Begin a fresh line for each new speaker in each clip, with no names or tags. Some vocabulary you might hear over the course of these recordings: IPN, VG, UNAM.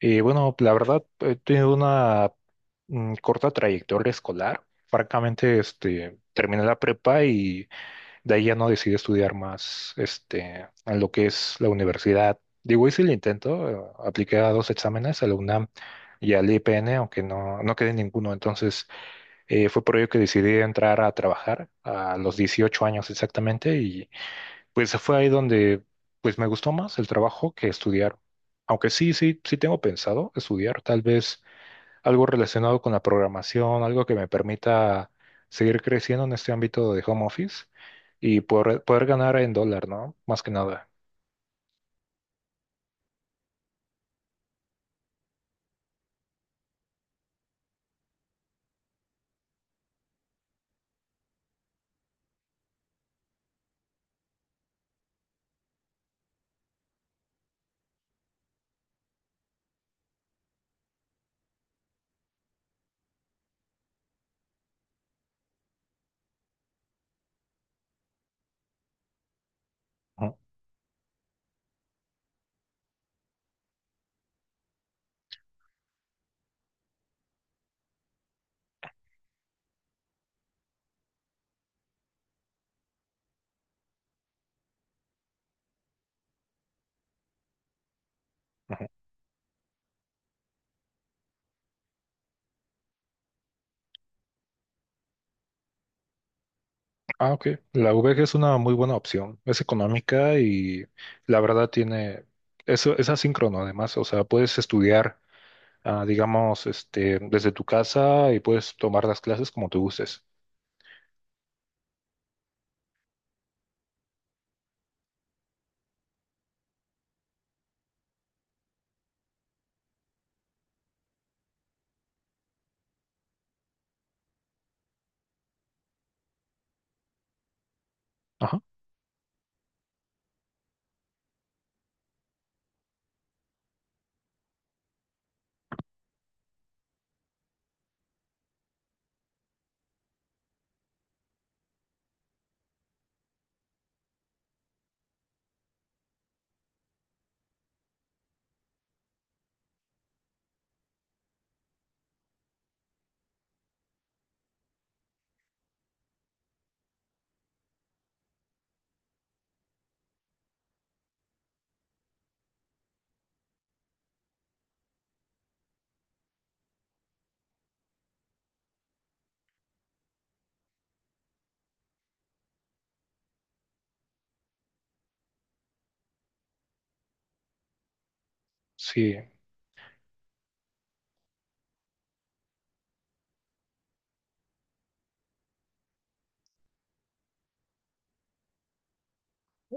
Bueno, la verdad, he tenido una corta trayectoria escolar. Francamente, terminé la prepa y de ahí ya no decidí estudiar más, en lo que es la universidad. Digo, hice el intento, apliqué a dos exámenes, a la UNAM y al IPN, aunque no quedé en ninguno. Entonces, fue por ello que decidí entrar a trabajar a los 18 años exactamente, pues fue ahí donde pues me gustó más el trabajo que estudiar. Aunque sí, sí, sí tengo pensado estudiar tal vez algo relacionado con la programación, algo que me permita seguir creciendo en este ámbito de home office y poder ganar en dólar, ¿no? Más que nada. Ujú, ujú. Ah, ok. La VG es una muy buena opción. Es económica y la verdad tiene... Eso es asíncrono además. O sea, puedes estudiar, digamos, desde tu casa y puedes tomar las clases como tú gustes. Sí,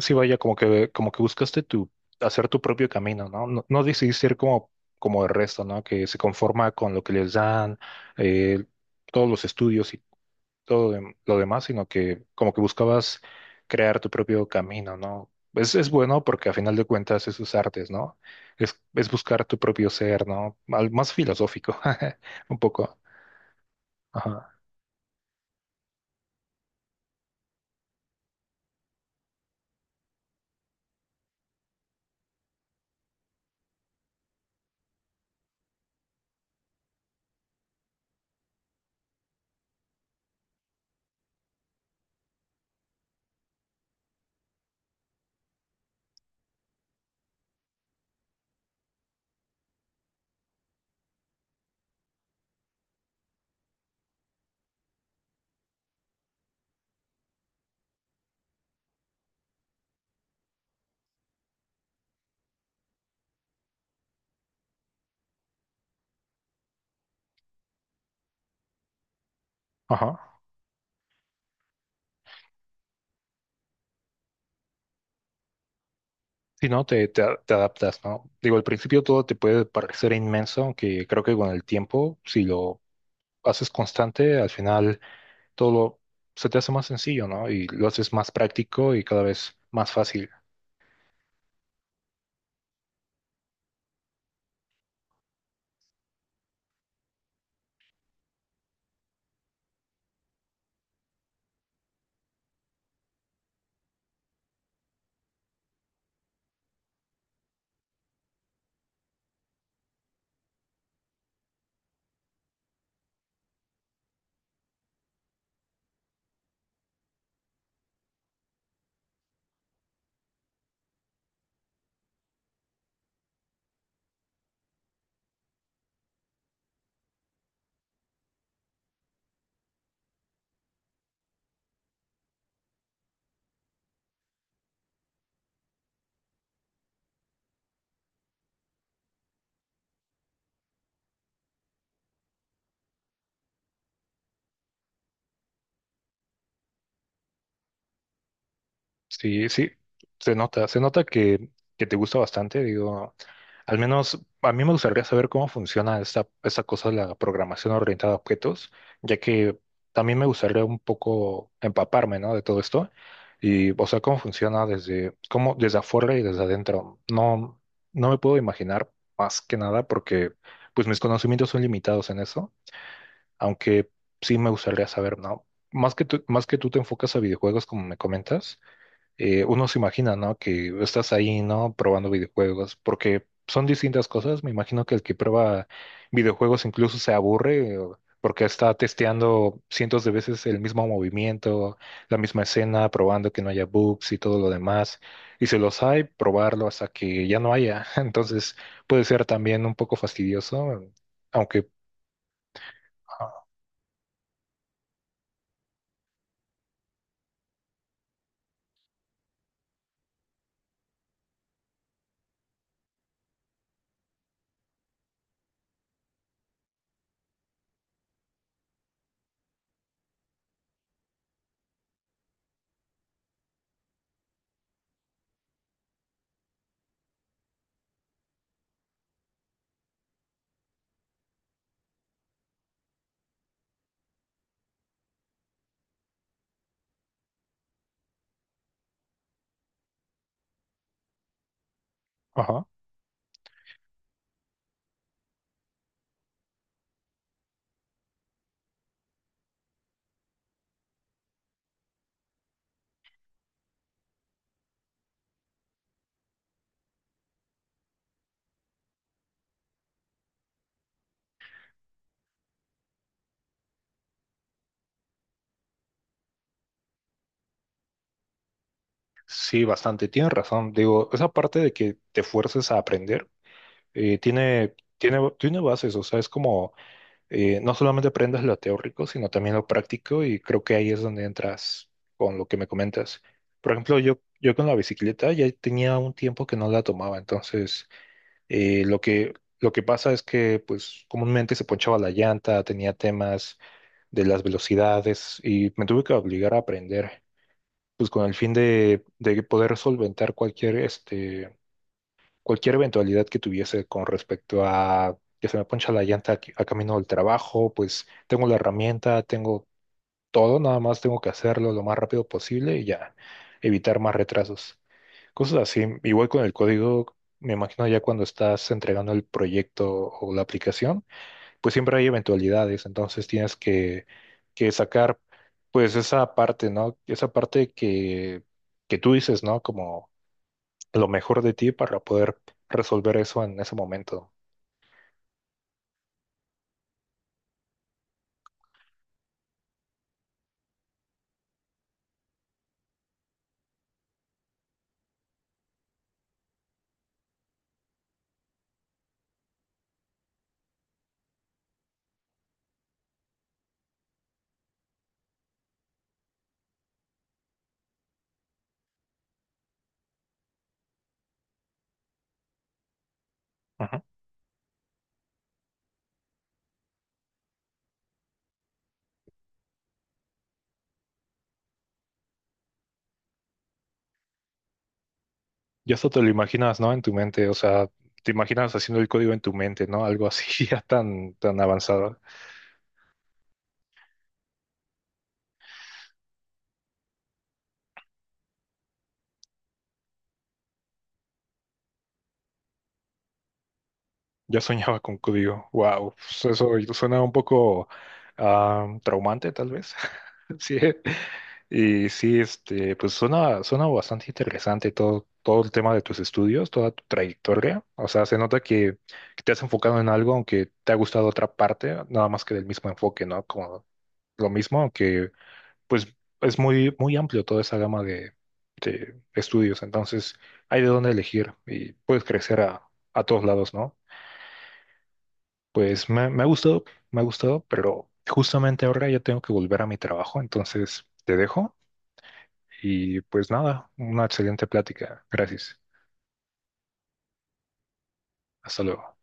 sí, vaya, como que buscaste hacer tu propio camino, ¿no? No, no decidiste ir como, como el resto, ¿no? Que se conforma con lo que les dan, eh, todos los estudios y todo lo demás, sino que como que buscabas crear tu propio camino, ¿no? Es bueno porque a final de cuentas es sus artes, ¿no? Es buscar tu propio ser, ¿no? Más filosófico, un poco. Ajá, ajá. Si no, te adaptas, ¿no? Digo, al principio todo te puede parecer inmenso, aunque creo que con el tiempo, si lo haces constante, al final todo lo- se te hace más sencillo, ¿no? Y lo haces más práctico y cada vez más fácil. Sí, sí, se nota que te gusta bastante, digo, al menos a mí me gustaría saber cómo funciona esta cosa de la programación orientada a objetos, ya que también me gustaría un poco empaparme, ¿no? De todo esto, y, o sea, cómo funciona desde afuera y desde adentro. No, no me puedo imaginar más que nada porque, pues, mis conocimientos son limitados en eso, aunque sí me gustaría saber, ¿no? Más que tú te enfocas a videojuegos, como me comentas. Uno se imagina, ¿no? Que estás ahí, ¿no? Probando videojuegos, porque son distintas cosas. Me imagino que el que prueba videojuegos incluso se aburre porque está testeando cientos de veces el mismo movimiento, la misma escena, probando que no haya bugs y todo lo demás. Y si los hay, probarlo hasta que ya no haya. Entonces puede ser también un poco fastidioso, aunque... Ajá. Sí, bastante, tienes razón. Digo, esa parte de que te fuerces a aprender. Tiene, tiene, tiene bases, o sea, es como, no solamente aprendes lo teórico, sino también lo práctico y creo que ahí es donde entras con lo que me comentas. Por ejemplo, yo con la bicicleta ya tenía un tiempo que no la tomaba, entonces eh, lo que, lo que pasa es que pues comúnmente se ponchaba la llanta, tenía temas de las velocidades y me tuve que obligar a aprender. Pues con el fin de poder solventar cualquier cualquier eventualidad que tuviese con respecto a que se me poncha la llanta a camino del trabajo, pues tengo la herramienta, tengo todo, nada más tengo que hacerlo lo más rápido posible y ya evitar más retrasos. Cosas así, igual con el código, me imagino ya cuando estás entregando el proyecto o la aplicación, pues siempre hay eventualidades, entonces tienes que sacar pues esa parte, ¿no? Esa parte que tú dices, ¿no? Lo mejor de ti para poder resolver eso en ese momento. Ujú. Y eso te lo imaginas, ¿no? En tu mente, o sea, te imaginas haciendo el código en tu mente, ¿no? Algo así ya tan, tan avanzado. Ya soñaba con código. Wow, eso suena un poco traumante, tal vez. Sí. Y sí, pues suena, suena bastante interesante todo, todo el tema de tus estudios, toda tu trayectoria. O sea, se nota que te has enfocado en algo, aunque te ha gustado otra parte, nada más que del mismo enfoque, ¿no? Como lo mismo, aunque pues es muy, muy amplio toda esa gama de estudios. Entonces, hay de dónde elegir y puedes crecer a todos lados, ¿no? Pues me ha gustado, pero justamente ahora ya tengo que volver a mi trabajo, entonces te dejo y pues nada, una excelente plática. Gracias. Hasta luego.